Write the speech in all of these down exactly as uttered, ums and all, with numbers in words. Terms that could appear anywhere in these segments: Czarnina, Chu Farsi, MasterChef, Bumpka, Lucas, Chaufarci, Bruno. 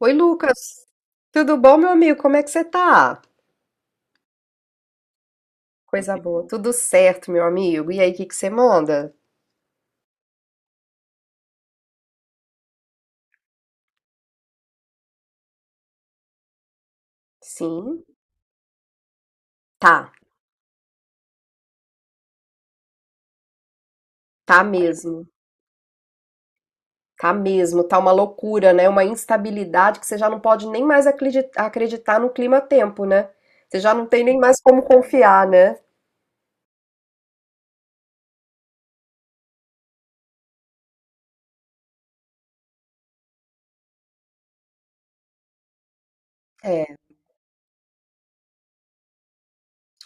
Oi, Lucas. Tudo bom, meu amigo? Como é que você tá? Coisa boa. Tudo certo, meu amigo. E aí, o que que você manda? Sim, tá. Tá mesmo. Tá mesmo. Tá uma loucura, né? Uma instabilidade que você já não pode nem mais acredi- acreditar no clima-tempo, né? Você já não tem nem mais como confiar, né?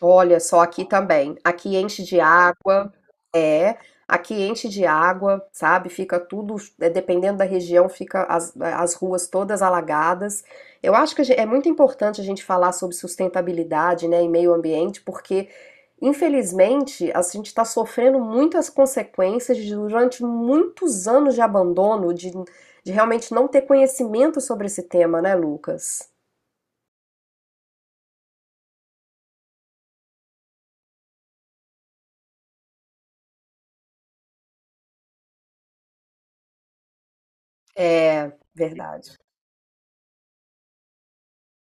Olha só, aqui também. Aqui enche de água, é. Aqui enche de água, sabe? Fica tudo, é, dependendo da região, fica as, as ruas todas alagadas. Eu acho que a gen- é muito importante a gente falar sobre sustentabilidade, né, e meio ambiente, porque, infelizmente, a gente está sofrendo muitas consequências de, durante muitos anos de abandono, de, de realmente não ter conhecimento sobre esse tema, né, Lucas? É verdade.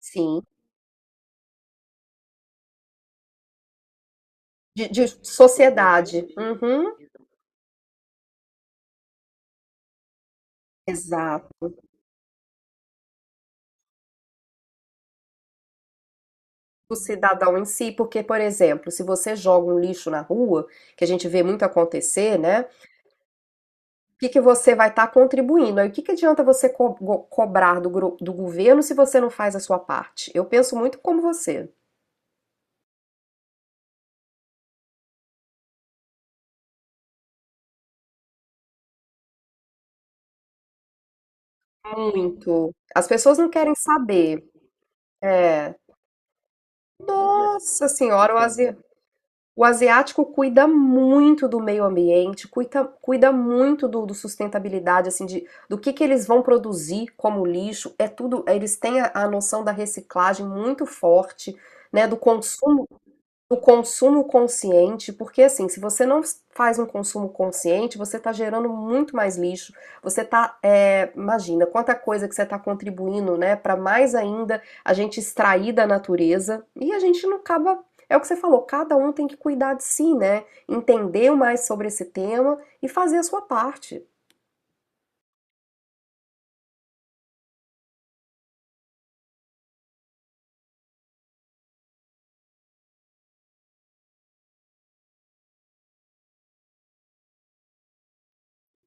Sim. De, de sociedade. Uhum. Exato. O cidadão em si, porque, por exemplo, se você joga um lixo na rua, que a gente vê muito acontecer, né? O que que você vai estar contribuindo? Aí o que que adianta você co- go- cobrar do, gru- do governo se você não faz a sua parte? Eu penso muito como você. Muito. As pessoas não querem saber. É. Nossa senhora, o O asiático cuida muito do meio ambiente, cuida, cuida muito do, do sustentabilidade, assim, de, do que, que eles vão produzir como lixo. É tudo, eles têm a, a noção da reciclagem muito forte, né, do consumo do consumo consciente, porque assim, se você não faz um consumo consciente, você está gerando muito mais lixo. Você está, é, imagina, quanta coisa que você está contribuindo, né, para mais ainda a gente extrair da natureza e a gente não acaba. É o que você falou, cada um tem que cuidar de si, né? Entender mais sobre esse tema e fazer a sua parte.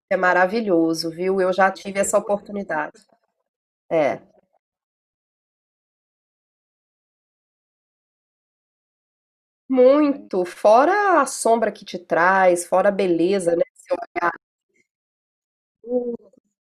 É maravilhoso, viu? Eu já tive essa oportunidade. É, muito. Fora a sombra que te traz, fora a beleza, né? Seu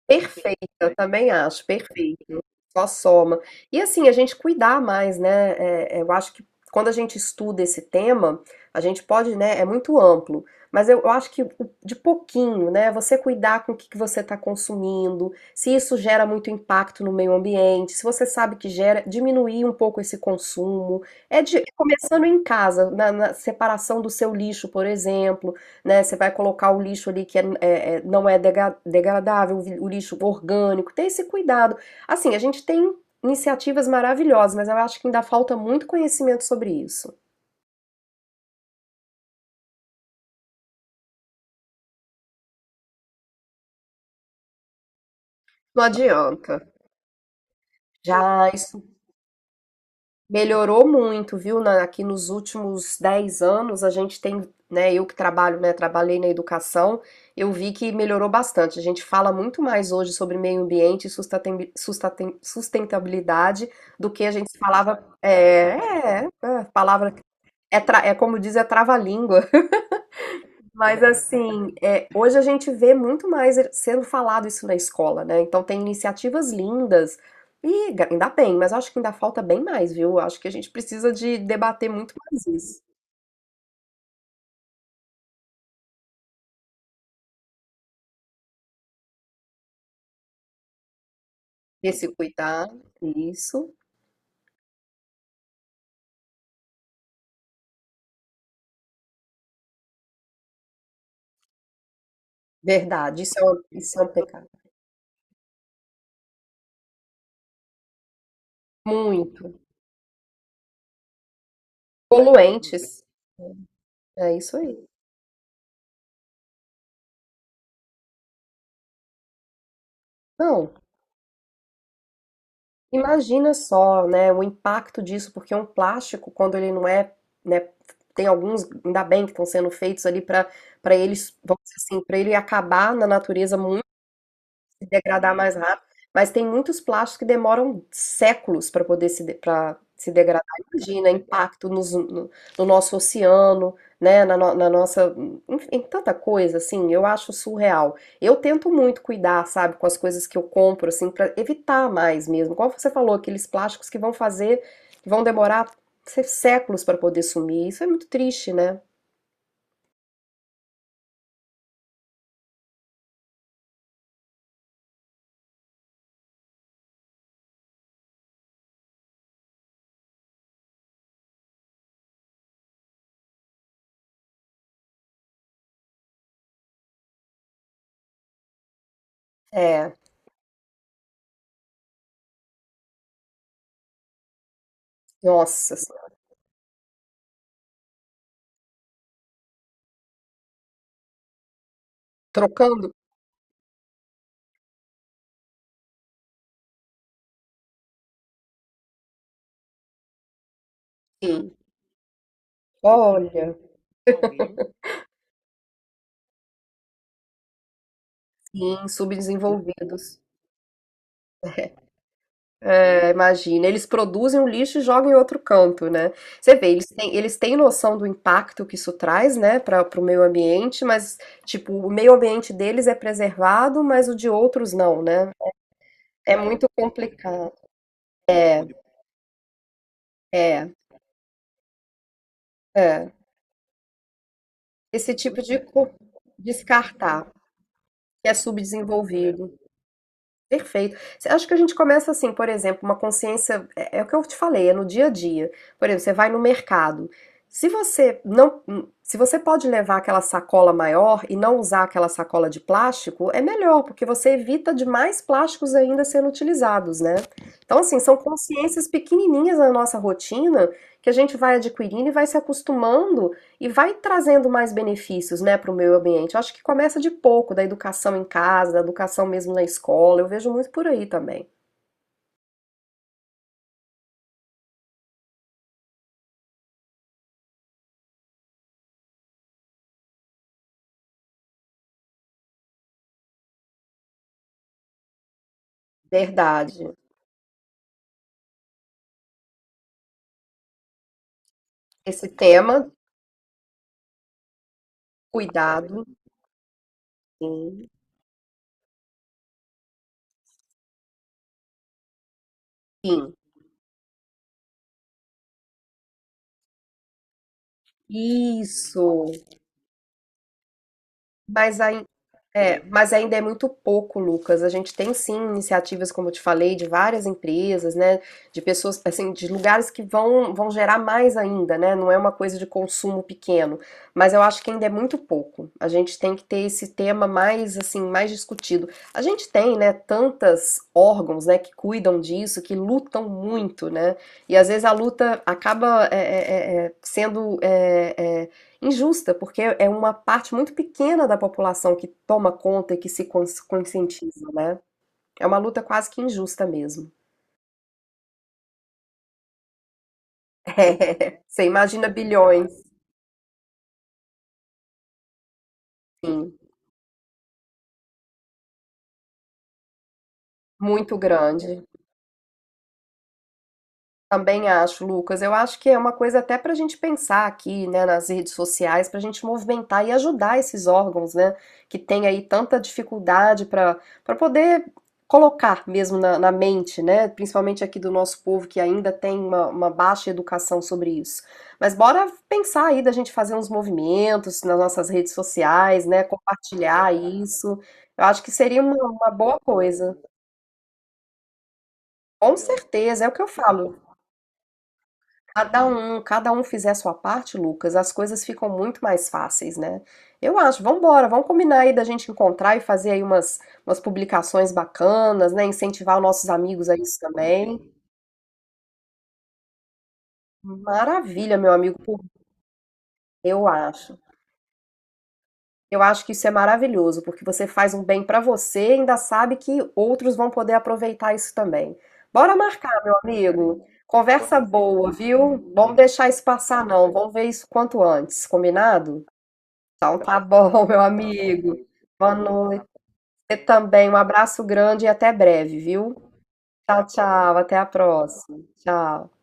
Perfeita eu também acho, perfeito. Só soma. E assim, a gente cuidar mais, né? É, é, eu acho que quando a gente estuda esse tema, a gente pode, né? É muito amplo, mas eu, eu acho que de pouquinho, né? Você cuidar com o que, que você está consumindo, se isso gera muito impacto no meio ambiente, se você sabe que gera, diminuir um pouco esse consumo. É de, começando em casa, na, na separação do seu lixo, por exemplo, né? Você vai colocar o lixo ali que é- é- é- não é dega- degradável, o lixo orgânico, tem esse cuidado. Assim, a gente tem iniciativas maravilhosas, mas eu acho que ainda falta muito conhecimento sobre isso. Não adianta. Já isso melhorou muito, viu? Na- aqui nos últimos dez anos, a gente tem, né? Eu que trabalho, né? Trabalhei na educação, eu vi que melhorou bastante. A gente fala muito mais hoje sobre meio ambiente e sustatem- sustatem- sustentabilidade do que a gente falava. É, é, é, palavra. É, tra- é como diz, é trava-língua. Mas assim, é, hoje a gente vê muito mais sendo falado isso na escola, né? Então tem iniciativas lindas e ga- ainda bem, mas acho que ainda falta bem mais, viu? Acho que a gente precisa de debater muito mais isso. Esse cuidar, isso, verdade, isso é um, isso é um pecado. Muito. Poluentes, é é isso aí. Não. Imagina só, né, o impacto disso, porque um plástico, quando ele não é, né, tem alguns, ainda bem que estão sendo feitos ali para para eles, vamos dizer assim, para ele acabar na natureza muito se degradar mais rápido. Mas tem muitos plásticos que demoram séculos para poder se, para se degradar. Imagina, impacto nos- no, no nosso oceano, né? Na, no- na nossa. Enfim, em tanta coisa, assim, eu acho surreal. Eu tento muito cuidar, sabe, com as coisas que eu compro, assim, para evitar mais mesmo. Como você falou, aqueles plásticos que vão fazer, que vão demorar sé- séculos para poder sumir. Isso é muito triste, né? É, nossa, assim, trocando. Sim. Olha, sim, subdesenvolvidos. É, imagina, eles produzem o lixo e jogam em outro canto, né? Você vê, eles têm, eles têm noção do impacto que isso traz, né, para o meio ambiente, mas, tipo, o meio ambiente deles é preservado, mas o de outros não, né? É muito complicado. É, é. Esse tipo de co- descartar, que é subdesenvolvido. Perfeito. Você acha que a gente começa assim, por exemplo, uma consciência, é, é o que eu te falei, é no dia a dia. Por exemplo, você vai no mercado. Se você não, se você pode levar aquela sacola maior e não usar aquela sacola de plástico, é melhor, porque você evita de mais plásticos ainda sendo utilizados, né? Então, assim, são consciências pequenininhas na nossa rotina que a gente vai adquirindo e vai se acostumando e vai trazendo mais benefícios, né, para o meio ambiente. Eu acho que começa de pouco, da educação em casa, da educação mesmo na escola. Eu vejo muito por aí também. Verdade. Esse tema, cuidado, sim, sim. Isso. Mas aí é, mas ainda é muito pouco, Lucas. A gente tem sim iniciativas, como eu te falei, de várias empresas, né? De pessoas, assim, de lugares que vão, vão gerar mais ainda, né? Não é uma coisa de consumo pequeno. Mas eu acho que ainda é muito pouco. A gente tem que ter esse tema mais, assim, mais discutido. A gente tem, né, tantas órgãos, né, que cuidam disso, que lutam muito, né? E às vezes a luta acaba é, é, é, é, sendo é, é, injusta, porque é é uma parte muito pequena da população que toma conta e que se cons- conscientiza, né? É uma luta quase que injusta mesmo. Você imagina bilhões, sim, muito grande. Também acho, Lucas. Eu acho que é uma coisa até para a gente pensar aqui, né, nas redes sociais, para a gente movimentar e ajudar esses órgãos, né, que tem aí tanta dificuldade para para poder colocar mesmo na, na mente, né, principalmente aqui do nosso povo que ainda tem uma, uma baixa educação sobre isso. Mas bora pensar aí da gente fazer uns movimentos nas nossas redes sociais, né, compartilhar isso. Eu acho que seria uma, uma boa coisa. Com certeza, é o que eu falo. Cada um cada um fizer a sua parte, Lucas, as coisas ficam muito mais fáceis, né. Eu acho, vamos embora, vamos combinar aí da gente encontrar e fazer aí umas umas publicações bacanas, né, incentivar os nossos amigos a isso também. Maravilha, meu amigo, por eu acho. Eu acho que isso é maravilhoso, porque você faz um bem pra você e ainda sabe que outros vão poder aproveitar isso também. Bora marcar, meu amigo. Conversa boa, viu? Vamos deixar isso passar não, vamos ver isso quanto antes, combinado? Então tá bom, meu amigo. Boa noite. Você também. Um abraço grande e até breve, viu? Tchau, tchau. Até a próxima. Tchau.